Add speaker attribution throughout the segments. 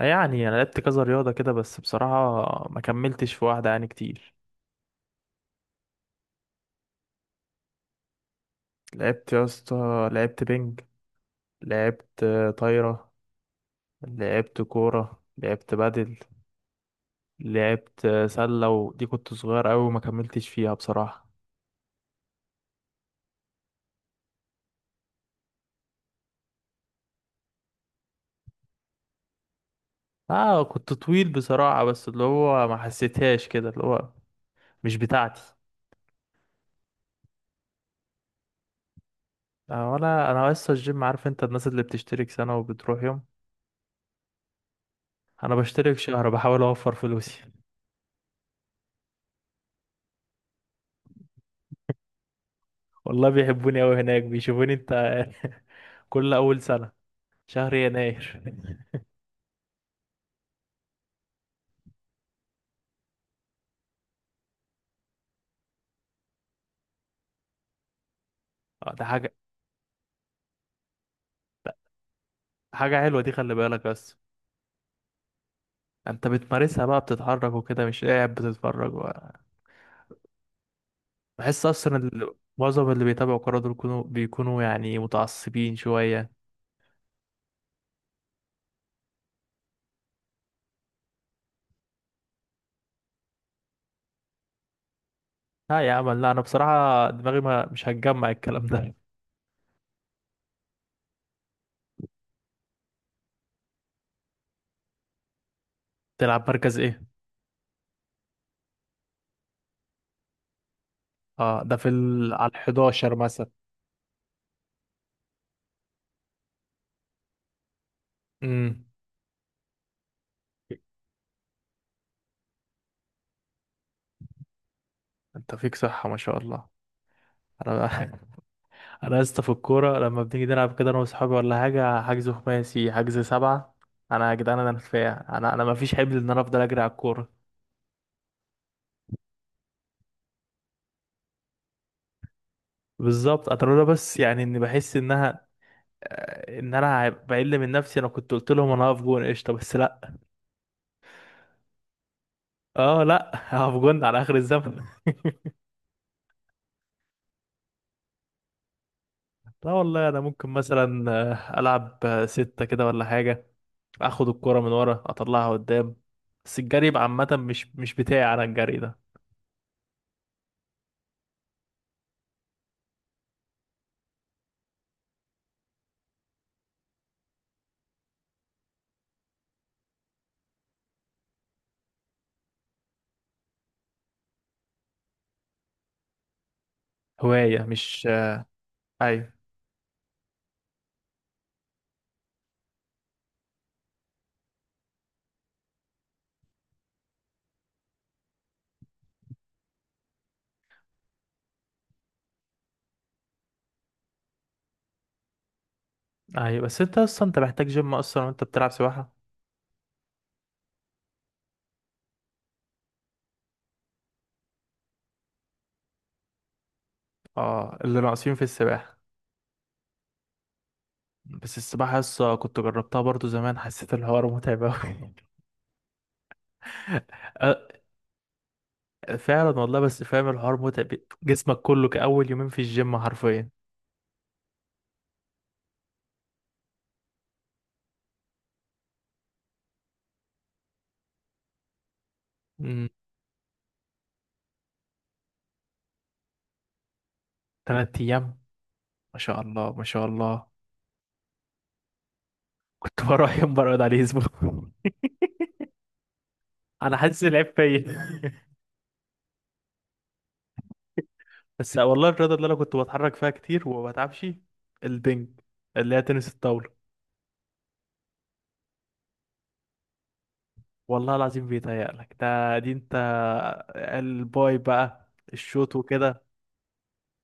Speaker 1: يعني انا لعبت كذا رياضه كده، بس بصراحه ما كملتش في واحده يعني كتير. لعبت يا اسطى، لعبت بينج، لعبت طايره، لعبت كوره، لعبت بدل، لعبت سله، ودي كنت صغير قوي وما كملتش فيها بصراحه. اه، كنت طويل بصراحه بس اللي هو ما حسيتهاش كده، اللي هو مش بتاعتي. آه، ولا انا لسه الجيم. عارف انت الناس اللي بتشترك سنه وبتروح يوم؟ انا بشترك شهر، بحاول اوفر فلوسي. والله بيحبوني قوي هناك، بيشوفوني انت. كل اول سنه شهر يناير. ده حاجة، حاجة حلوة دي، خلي بالك بس. انت بتمارسها بقى، بتتحرك وكده، مش قاعد بتتفرج. بحس اصلا، معظم اللي بيتابعوا كورة دول بيكونوا يعني متعصبين شوية. لا يا عم، لا، انا بصراحة دماغي ما مش هتجمع الكلام ده. تلعب مركز ايه؟ اه، ده في على ال 11 مثلا. امم. انت فيك صحة ما شاء الله. انا، انا يا اسطى في الكوره لما بنيجي نلعب كده انا واصحابي، ولا حاجه، حجز خماسي، حجز سبعه. انا يا جدعان، انا رفيع، انا ما فيش حبل ان انا افضل اجري على الكوره. بالظبط. انا لولا بس، يعني اني بحس انها، ان انا هبقى بقل من نفسي، انا كنت قلت لهم انا هقف جون قشطه، بس لا. اه لا، هقف جون على اخر الزمن. لا والله انا ممكن مثلا العب 6 كده ولا حاجه، اخد الكوره من ورا اطلعها قدام. بس الجري يبقى عامه، مش بتاعي انا، الجري ده هوايه مش. ايوه ايوه. بس انت اصلا، انت محتاج جيم اصلا وانت بتلعب سباحة. اه، اللي ناقصين في السباحة. بس السباحة لسه كنت جربتها برضو زمان، حسيت الحوار متعب أوي. آه، فعلا والله، بس فاهم الحوار متعب. جسمك كله كأول يومين في الجيم حرفيا. مم، 3 أيام. ما شاء الله ما شاء الله. كنت بروح يوم برقد عليه أسبوع. أنا حاسس العيب فيا. بس والله الرياضة اللي أنا كنت بتحرك فيها كتير وما بتعبش، البنج اللي هي تنس الطاولة. والله العظيم بيتهيألك، ده دي انت. الباي بقى، الشوط وكده.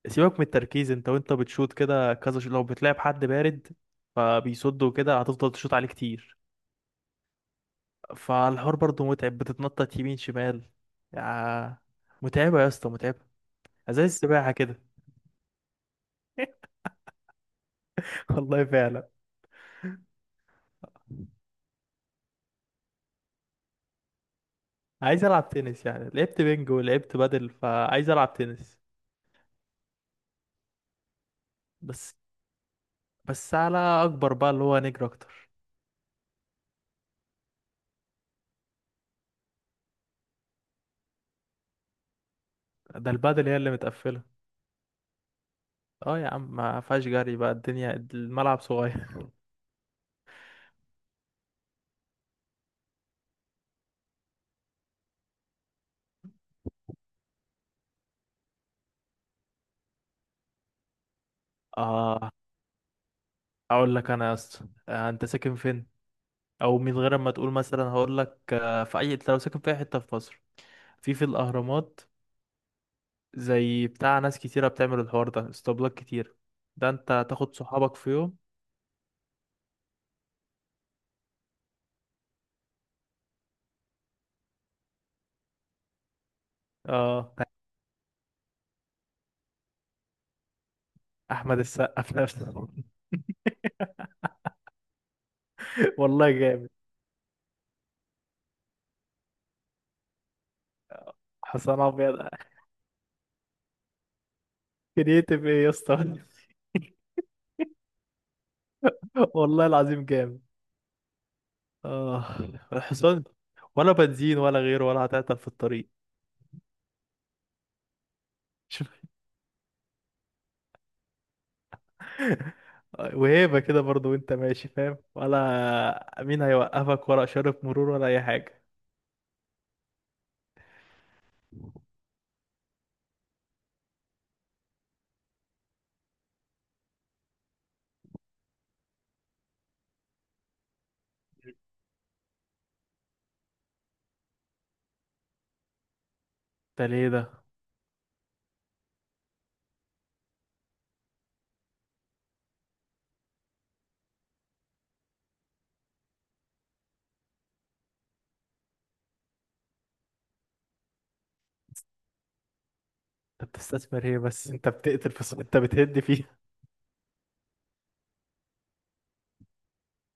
Speaker 1: سيبك من التركيز، انت وانت بتشوط كده كذا شوط، لو بتلعب حد بارد فبيصد وكده هتفضل تشوط عليه كتير. فالحوار برضه متعب، بتتنطط يمين شمال، يا متعبة يا اسطى، متعبة. زي السباحة كده. والله فعلا. عايز العب تنس، يعني لعبت بينج ولعبت بدل، فعايز العب تنس. بس بس على اكبر بقى، اللي هو نجري اكتر. ده البادل هي اللي متقفلة. اه يا عم، ما فيهاش جري بقى، الدنيا الملعب صغير. اه، اقول لك انا يا اسطى، انت ساكن فين؟ او من غير ما تقول مثلا، هقول لك في اي، انت لو ساكن في اي حته في مصر، في الاهرامات، زي بتاع ناس كتيره بتعمل الحوار ده، اسطبلات كتير، ده انت تاخد صحابك في يوم. اه، احمد السقا في نفسه. والله جامد. حسن ابيض، كرييتيف ايه يا اسطى؟ والله العظيم جامد. اه، الحصان ولا بنزين ولا غيره، ولا هتعطل في الطريق. وهيبة كده برضو، وانت ماشي فاهم، ولا مين هيوقفك، ولا إشارة مرور، ولا أي حاجة. انت ليه ده؟ انت بتستثمر ايه بس؟ انت بتقتل في انت بتهد فيه.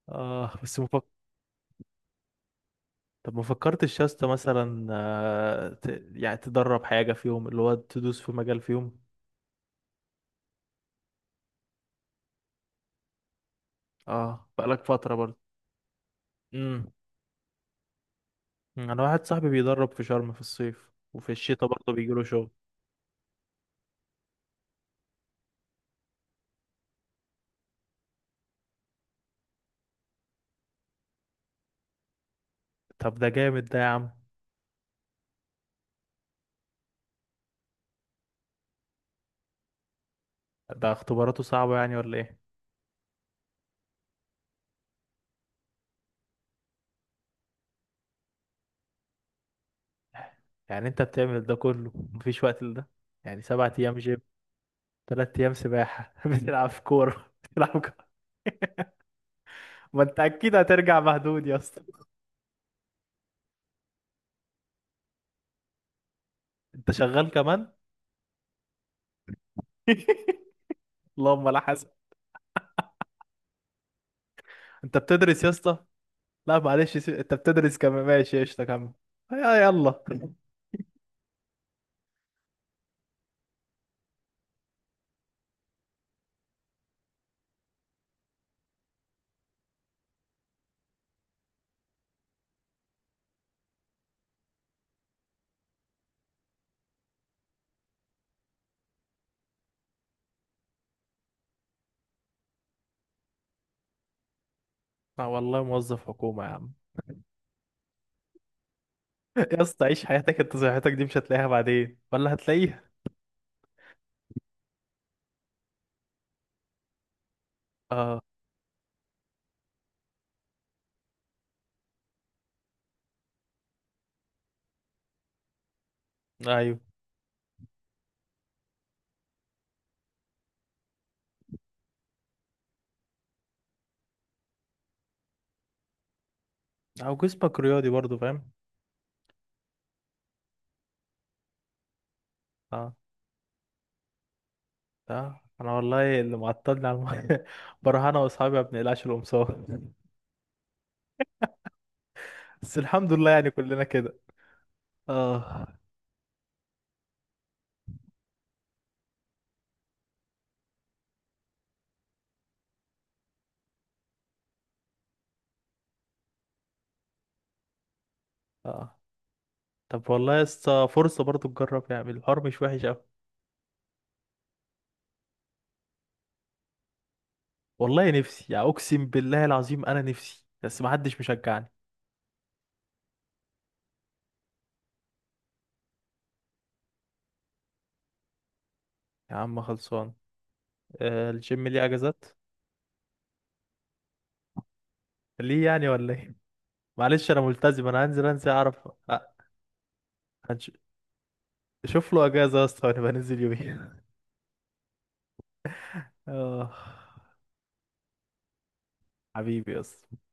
Speaker 1: اه، بس. طب ما فكرتش يا اسطى مثلا يعني تدرب حاجة فيهم، اللي هو تدوس في مجال فيهم. اه، بقالك فترة برضو. امم. انا واحد صاحبي بيدرب في شرم في الصيف، وفي الشتاء برضه بيجيله شغل. طب ده جامد ده يا عم. ده اختباراته صعبة يعني، ولا ايه؟ يعني انت بتعمل ده كله، مفيش وقت لده؟ يعني 7 ايام جيم، 3 ايام سباحة، بتلعب في كورة، بتلعب. ما انت اكيد هترجع مهدود يا اسطى. انت شغال كمان؟ اللهم لا حسن. انت بتدرس يا اسطى؟ لا معلش انت بتدرس كمان، ماشي قشطة، كمل. يا يلا. اه والله موظف حكومة يا عم. يا اسطى عيش حياتك، انت صحتك دي مش هتلاقيها بعدين، ولا هتلاقيها. اه. ايوه. او جسمك رياضي برضو فاهم. اه اه، انا والله اللي معطلني على الميه، بروح انا واصحابي ما بنقلعش القمصان. بس الحمد لله يعني كلنا كده. اه اه. طب والله لسه فرصه برضو تجرب، يعني الحوار مش وحش قوي. والله نفسي يعني، اقسم بالله العظيم انا نفسي، بس ما حدش مشجعني. يا عم خلصان. آه، الجيم ليه اجازات؟ ليه يعني ولا ايه؟ معلش انا ملتزم، انا هنزل انزل اعرف. هنش- شوف له اجازه يا اسطى، ونبقى ننزل يومين. اه، حبيبي يا اسطى.